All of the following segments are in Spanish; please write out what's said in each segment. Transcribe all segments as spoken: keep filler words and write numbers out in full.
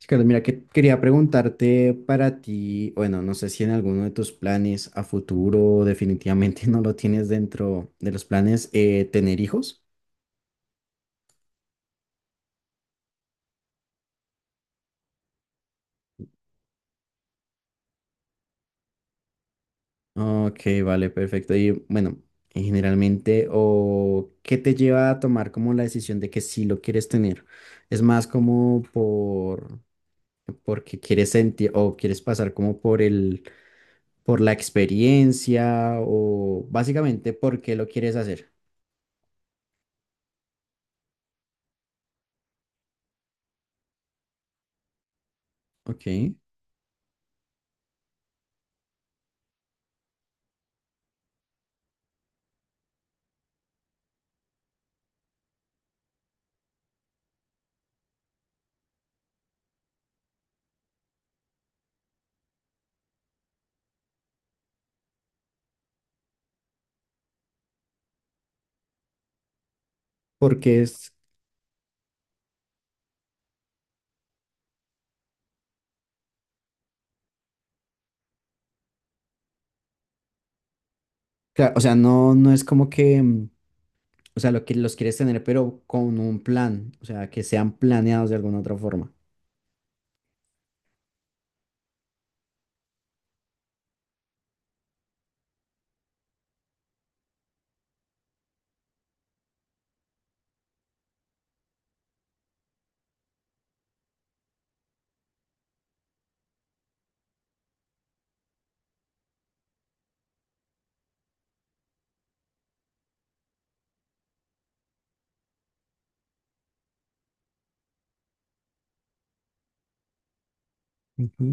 Sí, Carlos, mira, que quería preguntarte para ti, bueno, no sé si en alguno de tus planes a futuro definitivamente no lo tienes dentro de los planes, eh, tener hijos. Ok, vale, perfecto. Y bueno, y generalmente, ¿o qué te lleva a tomar como la decisión de que sí lo quieres tener? ¿Es más como por, porque quieres sentir o quieres pasar como por el, por la experiencia o básicamente por qué lo quieres hacer? Ok. Porque es Claro, o sea, no, no es como que, mm, o sea, lo que los quieres tener, pero con un plan, o sea, que sean planeados de alguna otra forma. Ujú.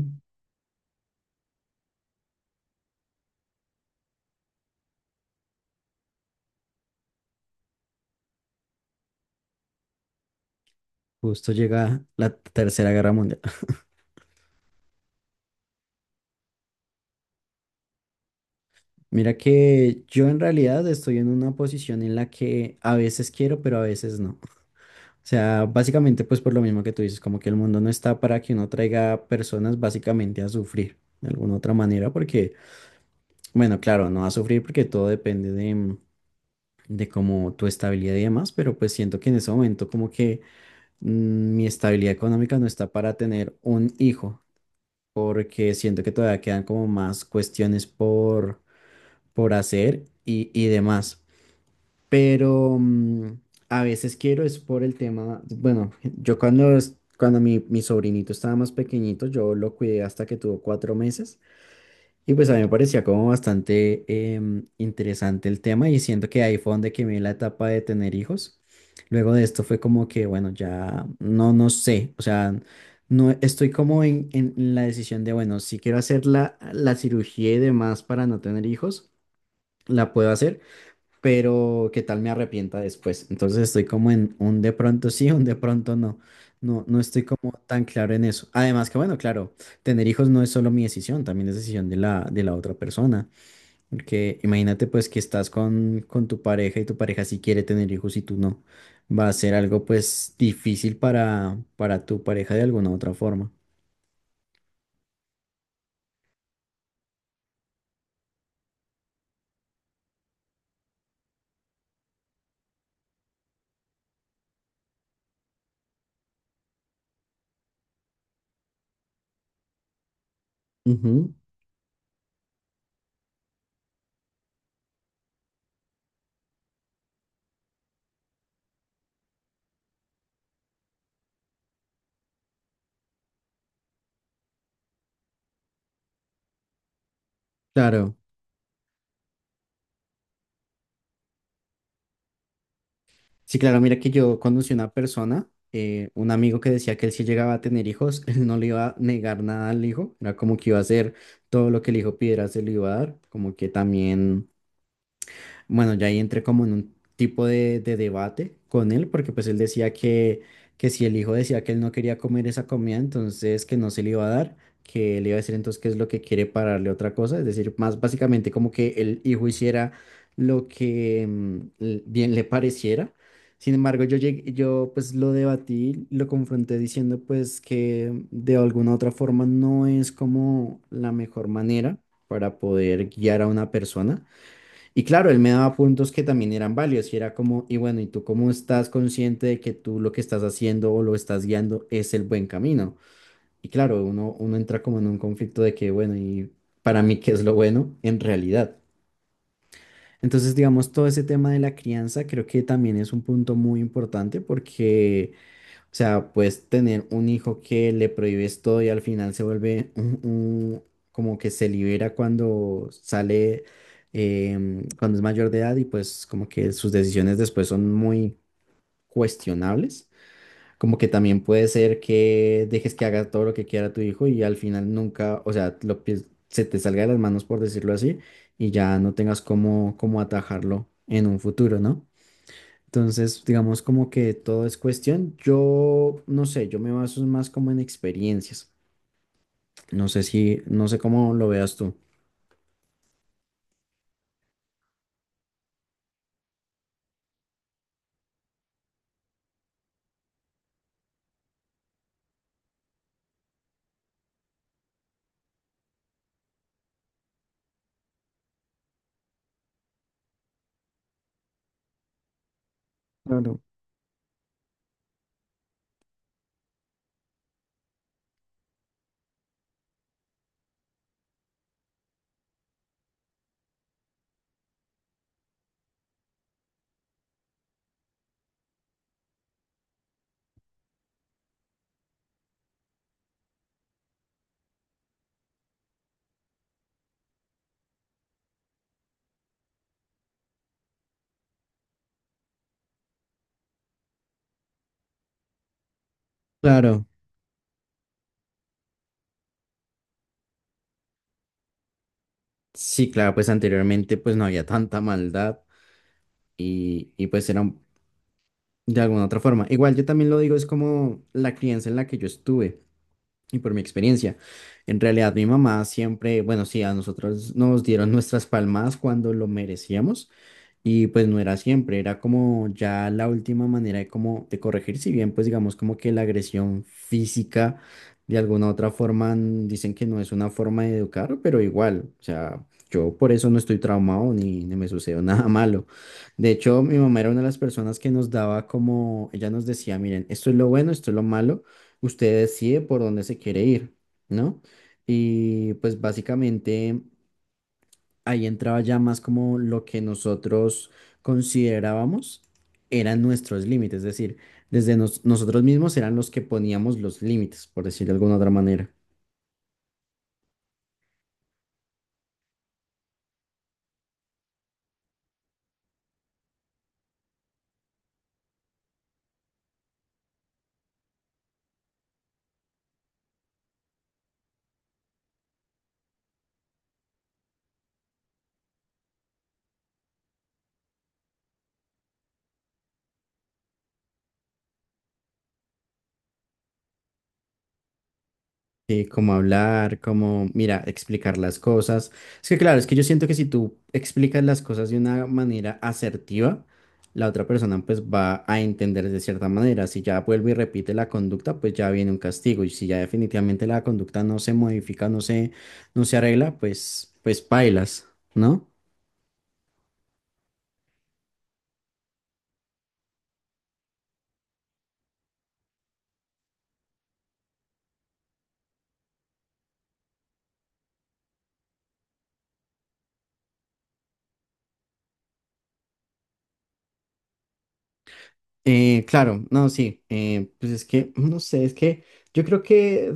Justo llega la Tercera Guerra Mundial. Mira que yo en realidad estoy en una posición en la que a veces quiero, pero a veces no. O sea, básicamente pues por lo mismo que tú dices, como que el mundo no está para que uno traiga personas básicamente a sufrir de alguna otra manera, porque, bueno, claro, no a sufrir porque todo depende de, mm, de como tu estabilidad y demás, pero pues siento que en ese momento como que mm, mi estabilidad económica no está para tener un hijo, porque siento que todavía quedan como más cuestiones por, por hacer y, y demás. Pero mm, a veces quiero es por el tema, bueno, yo cuando, es- cuando mi, mi sobrinito estaba más pequeñito, yo lo cuidé hasta que tuvo cuatro meses. Y pues a mí me parecía como bastante em, interesante el tema y siento que ahí fue donde quemé la etapa de tener hijos. Luego de esto fue como que, bueno, ya no, no sé, o sea, no estoy como en, en la decisión de, bueno, si quiero hacer la, la cirugía y demás para no tener hijos, la puedo hacer, pero qué tal me arrepienta después. Entonces estoy como en un de pronto sí, un de pronto no. No, no estoy como tan claro en eso. Además que bueno, claro, tener hijos no es solo mi decisión, también es decisión de la, de la otra persona. Porque imagínate pues que estás con, con tu pareja y tu pareja sí quiere tener hijos y tú no. Va a ser algo pues difícil para, para tu pareja de alguna u otra forma. Ujú, claro. Sí, claro, mira que yo conocí una persona, eh, un amigo que decía que él si llegaba a tener hijos, él no le iba a negar nada al hijo, era como que iba a hacer todo lo que el hijo pidiera, se lo iba a dar, como que también. Bueno, ya ahí entré como en un tipo de, de debate con él, porque pues él decía que, que si el hijo decía que él no quería comer esa comida, entonces que no se le iba a dar, que le iba a decir entonces qué es lo que quiere para darle otra cosa, es decir, más básicamente como que el hijo hiciera lo que mm, l- bien le pareciera. Sin embargo, yo llegué- yo pues lo debatí, lo confronté diciendo pues que de alguna otra forma no es como la mejor manera para poder guiar a una persona y claro, él me daba puntos que también eran válidos y era como, y bueno, ¿y tú cómo estás consciente de que tú lo que estás haciendo o lo estás guiando es el buen camino? Y claro, uno, uno entra como en un conflicto de que, bueno, ¿y para mí qué es lo bueno en realidad? Entonces, digamos, todo ese tema de la crianza creo que también es un punto muy importante porque, o sea, puedes tener un hijo que le prohíbes todo y al final se vuelve un, un- como que se libera cuando sale, em, cuando es mayor de edad y pues como que sus decisiones después son muy cuestionables. Como que también puede ser que dejes que haga todo lo que quiera tu hijo y al final nunca, o sea, lo, pies- se te salga de las manos por decirlo así y ya no tengas cómo, cómo atajarlo en un futuro, ¿no? Entonces, digamos como que todo es cuestión. Yo no sé, yo me baso más como en experiencias. No sé si, no sé cómo lo veas tú. Claro. Claro, sí, claro, pues anteriormente pues no había tanta maldad y, y pues era un- de alguna otra forma. Igual yo también lo digo, es como la crianza en la que yo estuve y por mi experiencia. En realidad mi mamá siempre, bueno, sí, a nosotros nos dieron nuestras palmadas cuando lo merecíamos. Y pues no era siempre, era como ya la última manera de como de corregir, si bien pues digamos como que la agresión física de alguna otra forma n- dicen que no es una forma de educar, pero igual, o sea, yo por eso no estoy traumado ni, ni me sucedió nada malo. De hecho, mi mamá era una de las personas que nos daba como, ella nos decía, miren, esto es lo bueno, esto es lo malo, usted decide por dónde se quiere ir, ¿no? Y pues básicamente ahí entraba ya más como lo que nosotros considerábamos eran nuestros límites, es decir, desde nos- nosotros mismos eran los que poníamos los límites, por decirlo de alguna otra manera. Sí, cómo hablar, cómo, mira, explicar las cosas. Es que claro, es que yo siento que si tú explicas las cosas de una manera asertiva, la otra persona pues va a entender de cierta manera. Si ya vuelve y repite la conducta, pues ya viene un castigo. Y si ya definitivamente la conducta no se modifica, no se, no se arregla, pues, pues pailas, ¿no? Eh, claro, no, sí. eh, pues es que, no sé, es que yo creo que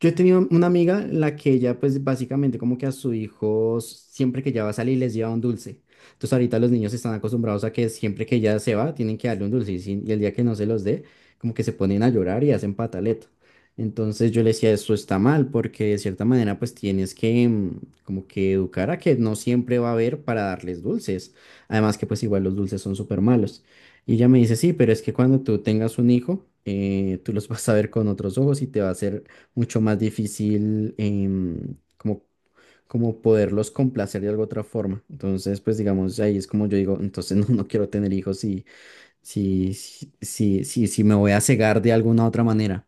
Yo he tenido una amiga en la que ella, pues básicamente como que a su hijos, siempre que ella va a salir, les lleva un dulce. Entonces ahorita los niños están acostumbrados a que siempre que ella se va, tienen que darle un dulce y, si- y el día que no se los dé, como que se ponen a llorar y hacen pataleta. Entonces yo le decía, eso está mal, porque de cierta manera pues tienes que, mm, como que educar a que no siempre va a haber para darles dulces. Además que pues igual los dulces son súper malos. Y ella me dice, sí, pero es que cuando tú tengas un hijo, eh, tú los vas a ver con otros ojos y te va a hacer mucho más difícil em, como, como, poderlos complacer de alguna otra forma. Entonces, pues digamos, ahí es como yo digo, entonces no, no quiero tener hijos si, si, si, si, si, si me voy a cegar de alguna otra manera.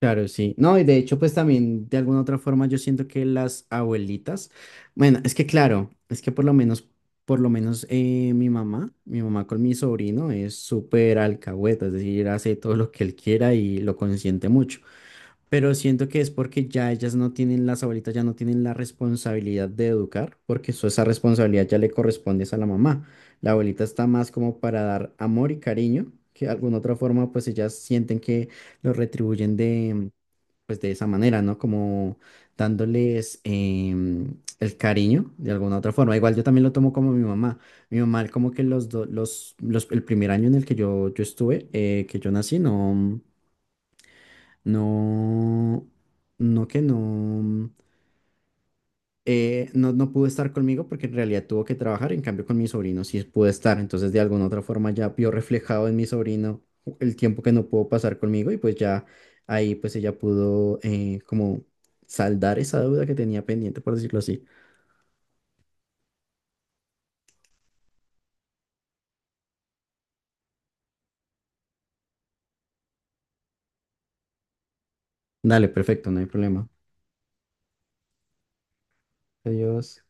Claro, sí. No, y de hecho, pues también de alguna otra forma yo siento que las abuelitas, bueno, es que claro, es que por lo menos, por lo menos eh, mi mamá, mi mamá con mi sobrino es súper alcahueta, es decir, hace todo lo que él quiera y lo consiente mucho. Pero siento que es porque ya ellas no tienen, las abuelitas ya no tienen la responsabilidad de educar, porque eso, esa responsabilidad ya le corresponde es a la mamá. La abuelita está más como para dar amor y cariño, que de alguna otra forma pues ellas sienten que lo retribuyen de, pues de esa manera, ¿no? Como dándoles, em, el cariño de alguna otra forma. Igual yo también lo tomo como mi mamá. Mi mamá como que los, do- los, los, el primer año en el que yo, yo estuve, eh, que yo nací, no. No, no que no, eh, no, no pudo estar conmigo porque en realidad tuvo que trabajar, en cambio con mi sobrino sí pudo estar, entonces de alguna otra forma ya vio reflejado en mi sobrino el tiempo que no pudo pasar conmigo y pues ya ahí pues ella pudo, eh, como saldar esa deuda que tenía pendiente, por decirlo así. Dale, perfecto, no hay problema. Adiós.